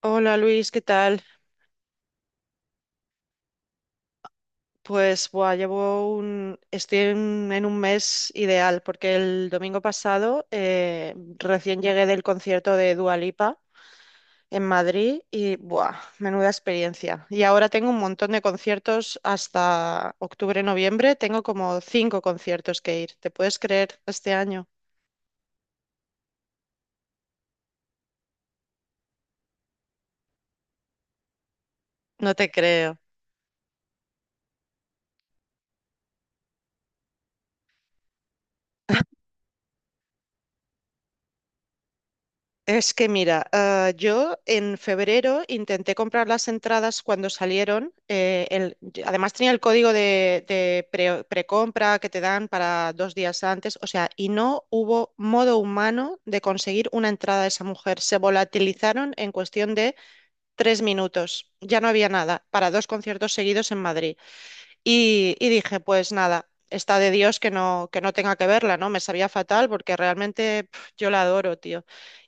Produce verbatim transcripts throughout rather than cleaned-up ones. Hola Luis, ¿qué tal? Pues buah, llevo un... estoy en, en un mes ideal porque el domingo pasado eh, recién llegué del concierto de Dua Lipa en Madrid y buah, menuda experiencia. Y ahora tengo un montón de conciertos hasta octubre, noviembre. Tengo como cinco conciertos que ir. ¿Te puedes creer este año? No te creo. Es que mira, ah, yo en febrero intenté comprar las entradas cuando salieron. eh, el- yo- además tenía el código de, de pre- precompra que te dan para dos días antes, o sea, y no hubo modo humano de conseguir una entrada de esa mujer. Se volatilizaron en cuestión de tres minutos. Ya no había nada para dos conciertos seguidos en Madrid. Y, y dije, pues nada, está de Dios que no, que no tenga que verla, ¿no? Me sabía fatal porque realmente pf, yo la adoro, tío.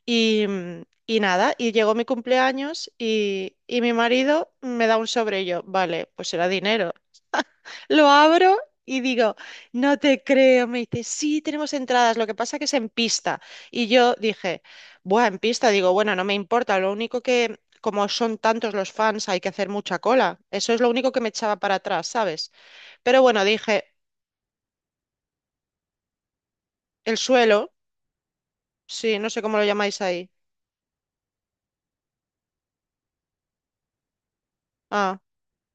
Y, mm, y nada, y llegó mi cumpleaños y, y mi marido me da un sobre y yo, vale, pues era dinero. Lo abro y digo, no te creo, me dice, sí, tenemos entradas, lo que pasa que es en pista. Y yo dije, buah, en pista, digo, bueno, no me importa, lo único que... Como son tantos los fans, hay que hacer mucha cola. Eso es lo único que me echaba para atrás, ¿sabes? Pero bueno, dije, el suelo, sí, no sé cómo lo llamáis ahí. Ah,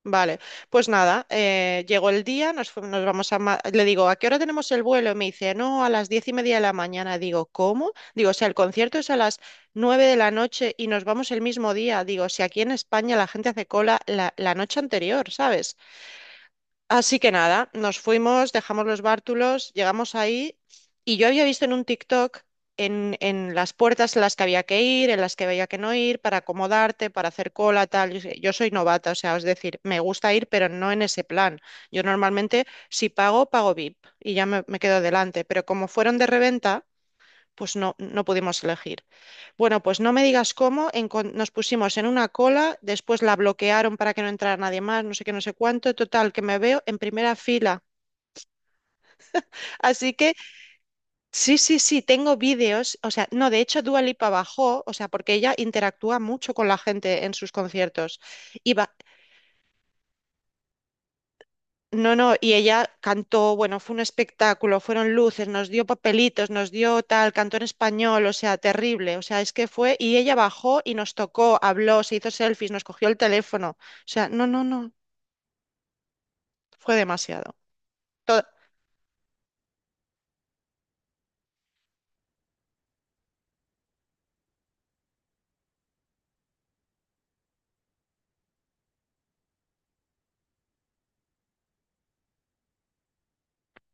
vale. Pues nada, eh, llegó el día, nos, fu- nos vamos a... Ma- Le digo, ¿a qué hora tenemos el vuelo? Y me dice, no, a las diez y media de la mañana. Digo, ¿cómo? Digo, o sea, el concierto es a las nueve de la noche y nos vamos el mismo día. Digo, si aquí en España la gente hace cola la, la noche anterior, ¿sabes? Así que nada, nos fuimos, dejamos los bártulos, llegamos ahí y yo había visto en un TikTok en, en las puertas en las que había que ir, en las que había que no ir, para acomodarte, para hacer cola, tal. Yo sé- yo soy novata, o sea, es decir, me gusta ir, pero no en ese plan. Yo normalmente, si pago, pago V I P y ya me, me quedo delante, pero como fueron de reventa, pues no, no pudimos elegir. Bueno, pues no me digas cómo, encon- nos pusimos en una cola, después la bloquearon para que no entrara nadie más, no sé qué, no sé cuánto, total, que me veo en primera fila. Así que sí, sí, sí, tengo vídeos, o sea, no, de hecho Dua Lipa bajó, o sea, porque ella interactúa mucho con la gente en sus conciertos. Y, ba- No, no, y ella cantó, bueno, fue un espectáculo, fueron luces, nos dio papelitos, nos dio tal, cantó en español, o sea, terrible, o sea, es que fue, y ella bajó y nos tocó, habló, se hizo selfies, nos cogió el teléfono, o sea, no, no, no, fue demasiado. To-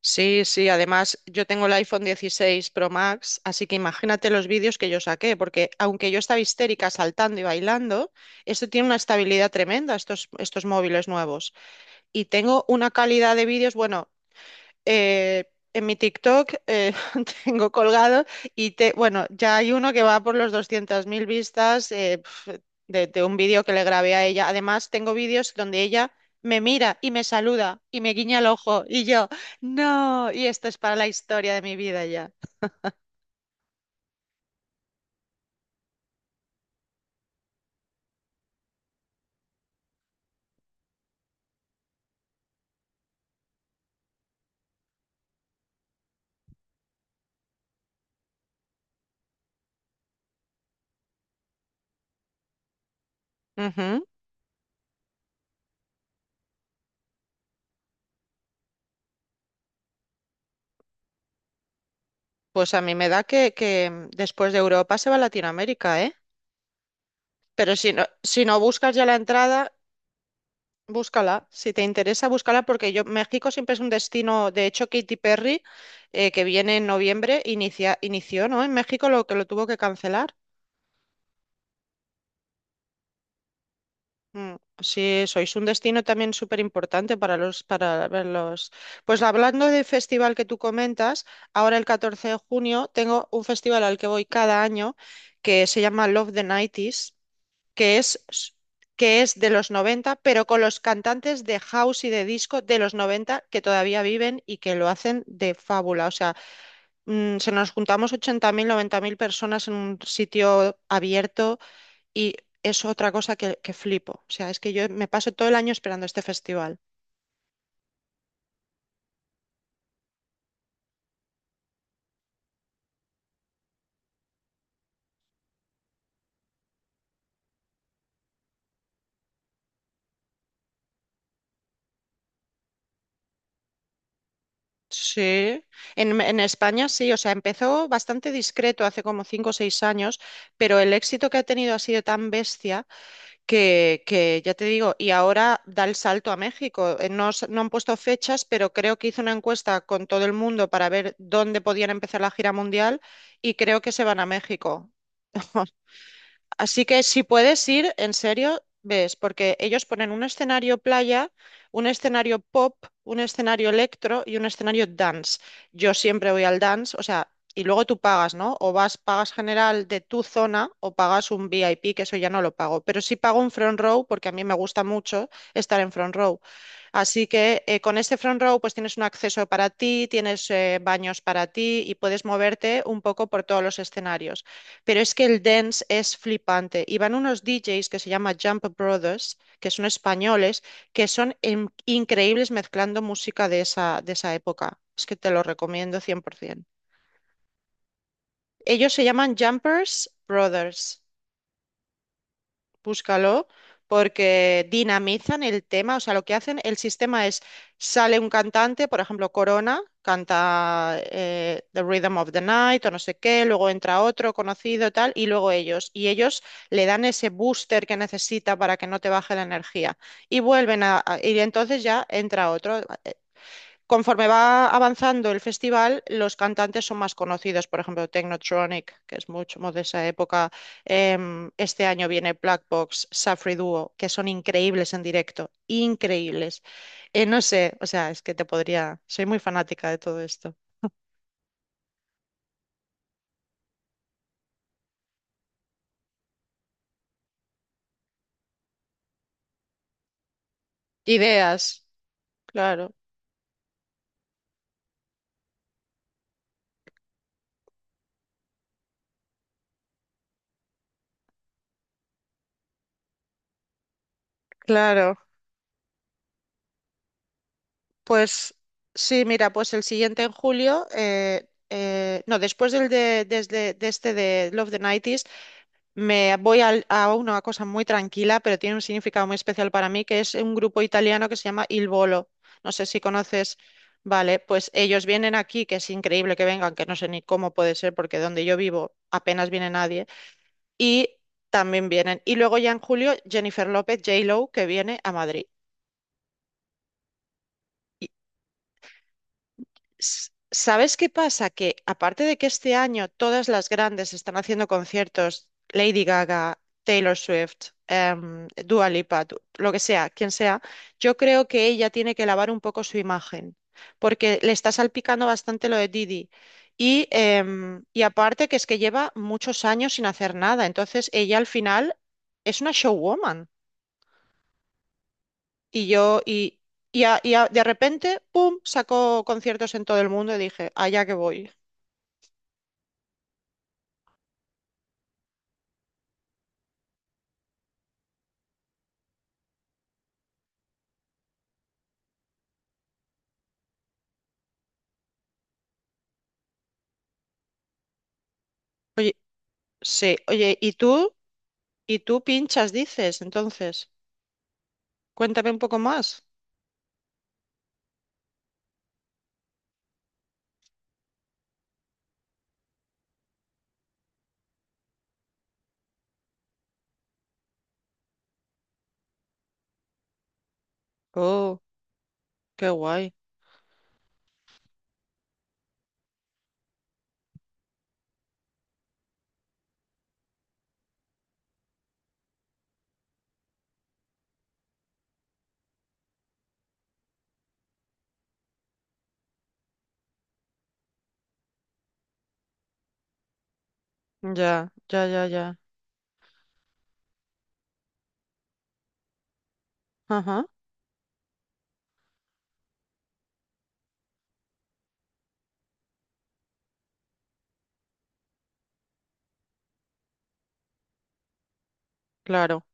Sí, sí, además yo tengo el iPhone dieciséis Pro Max, así que imagínate los vídeos que yo saqué, porque aunque yo estaba histérica saltando y bailando, esto tiene una estabilidad tremenda, estos, estos móviles nuevos. Y tengo una calidad de vídeos, bueno. eh, en mi TikTok eh, tengo colgado y te, bueno, ya hay uno que va por los doscientas mil vistas eh, pf, de, de un vídeo que le grabé a ella. Además, tengo vídeos donde ella me mira y me saluda y me guiña el ojo y yo, no, y esto es para la historia de mi vida ya. Ujú. Pues a mí me da que, que después de Europa se va a Latinoamérica, ¿eh? Pero si no, si no buscas ya la entrada. Búscala, si te interesa, búscala porque yo México siempre es un destino, de hecho Katy Perry, eh, que viene en noviembre, inicia- inició, ¿no? En México lo que lo tuvo que cancelar. Mm, sí, sois un destino también súper importante para los, para ver los. Pues hablando del festival que tú comentas, ahora el catorce de junio tengo un festival al que voy cada año que se llama Love the noventa que es, que es de los noventa pero con los cantantes de house y de disco de los noventa que todavía viven y que lo hacen de fábula. O sea, mm, se nos juntamos ochenta mil noventa mil personas en un sitio abierto y es otra cosa que, que flipo. O sea, es que yo me paso todo el año esperando este festival. Sí, en, en España sí, o sea, empezó bastante discreto hace como cinco o seis años, pero el éxito que ha tenido ha sido tan bestia que, que ya te digo, y ahora da el salto a México. Eh, No, s- no han puesto fechas, pero creo que hizo una encuesta con todo el mundo para ver dónde podían empezar la gira mundial y creo que se van a México. Así que si puedes ir, en serio, ves, porque ellos ponen un escenario playa, un escenario pop, un escenario electro y un escenario dance. Yo siempre voy al dance, o sea, y luego tú pagas, ¿no? O vas, pagas general de tu zona o pagas un V I P, que eso ya no lo pago. Pero sí pago un front row porque a mí me gusta mucho estar en front row. Así que eh, con este front row pues tienes un acceso para ti, tienes eh, baños para ti y puedes moverte un poco por todos los escenarios. Pero es que el dance es flipante. Y van unos D Js que se llama Jump Brothers, que son españoles, que son in- increíbles mezclando música de esa, de esa época. Es que te lo recomiendo cien por ciento. Ellos se llaman Jumpers Brothers. Búscalo, porque dinamizan el tema, o sea, lo que hacen, el sistema es, sale un cantante, por ejemplo, Corona, canta eh, The Rhythm of the Night o no sé qué, luego entra otro conocido, tal, y luego ellos, y ellos le dan ese booster que necesita para que no te baje la energía, y vuelven a, a- y entonces ya entra otro conforme va avanzando el festival, los cantantes son más conocidos. Por ejemplo, Technotronic, que es mucho más de esa época. Em, este año viene Black Box, Safri Duo, que son increíbles en directo. Increíbles. Eh, no sé, o sea, es que te podría. Soy muy fanática de todo esto. Ideas, claro, claro. Pues sí, mira, pues el siguiente en julio. eh, eh, no, después del de, desde, de este de Love the noventa. Me voy al- a, una cosa muy tranquila, pero tiene un significado muy especial para mí, que es un grupo italiano que se llama Il Volo. No sé si conoces. Vale, pues ellos vienen aquí, que es increíble que vengan, que no sé ni cómo puede ser, porque donde yo vivo apenas viene nadie. Y también vienen. Y luego ya en julio, Jennifer López, J-Lo, que viene a Madrid. S- ¿Sabes qué pasa? Que aparte de que este año todas las grandes están haciendo conciertos, Lady Gaga, Taylor Swift, em, Dua Lipa, du- lo que sea, quien sea, yo creo que ella tiene que lavar un poco su imagen, porque le está salpicando bastante lo de Didi. Y, em, y aparte que es que lleva muchos años sin hacer nada, entonces ella al final es una showwoman. Y yo, y, y a- y a- de repente, ¡pum!, sacó conciertos en todo el mundo y dije, allá que voy. Sí, oye, ¿y tú? ¿Y tú pinchas, dices? Entonces, cuéntame un poco más. Oh, qué guay. Ya, ya, ya, ya. Ajá, claro.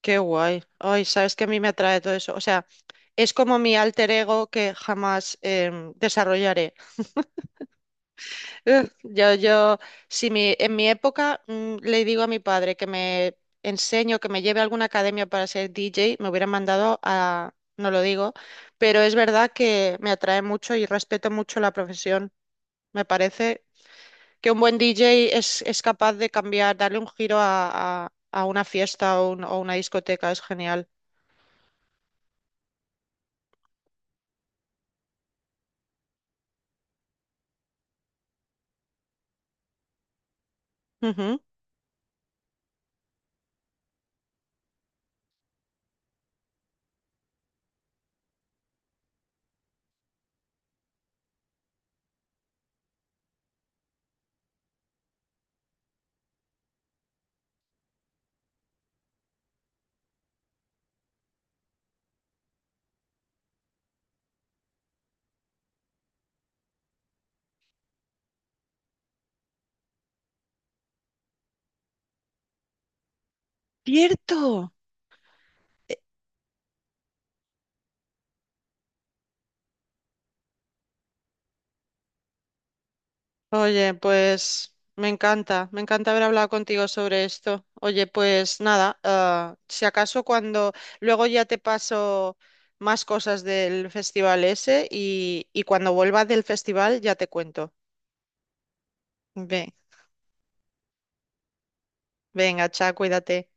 Qué guay. Ay, sabes que a mí me atrae todo eso. O sea, es como mi alter ego que jamás em, desarrollaré. Ugh, yo, yo, si mi, en mi época mm, le digo a mi padre que me enseño, que me lleve a alguna academia para ser D J, me hubieran mandado a, no lo digo, pero es verdad que me atrae mucho y respeto mucho la profesión. Me parece que un buen D J es, es capaz de cambiar, darle un giro a, a- a una fiesta o, un- o una discoteca, es genial. Ujú. ¡Cierto! Oye, pues me encanta, me encanta haber hablado contigo sobre esto. Oye, pues nada, ah, si acaso cuando luego ya te paso más cosas del festival ese y, y cuando vuelva del festival ya te cuento. Ve- venga, chao, cuídate.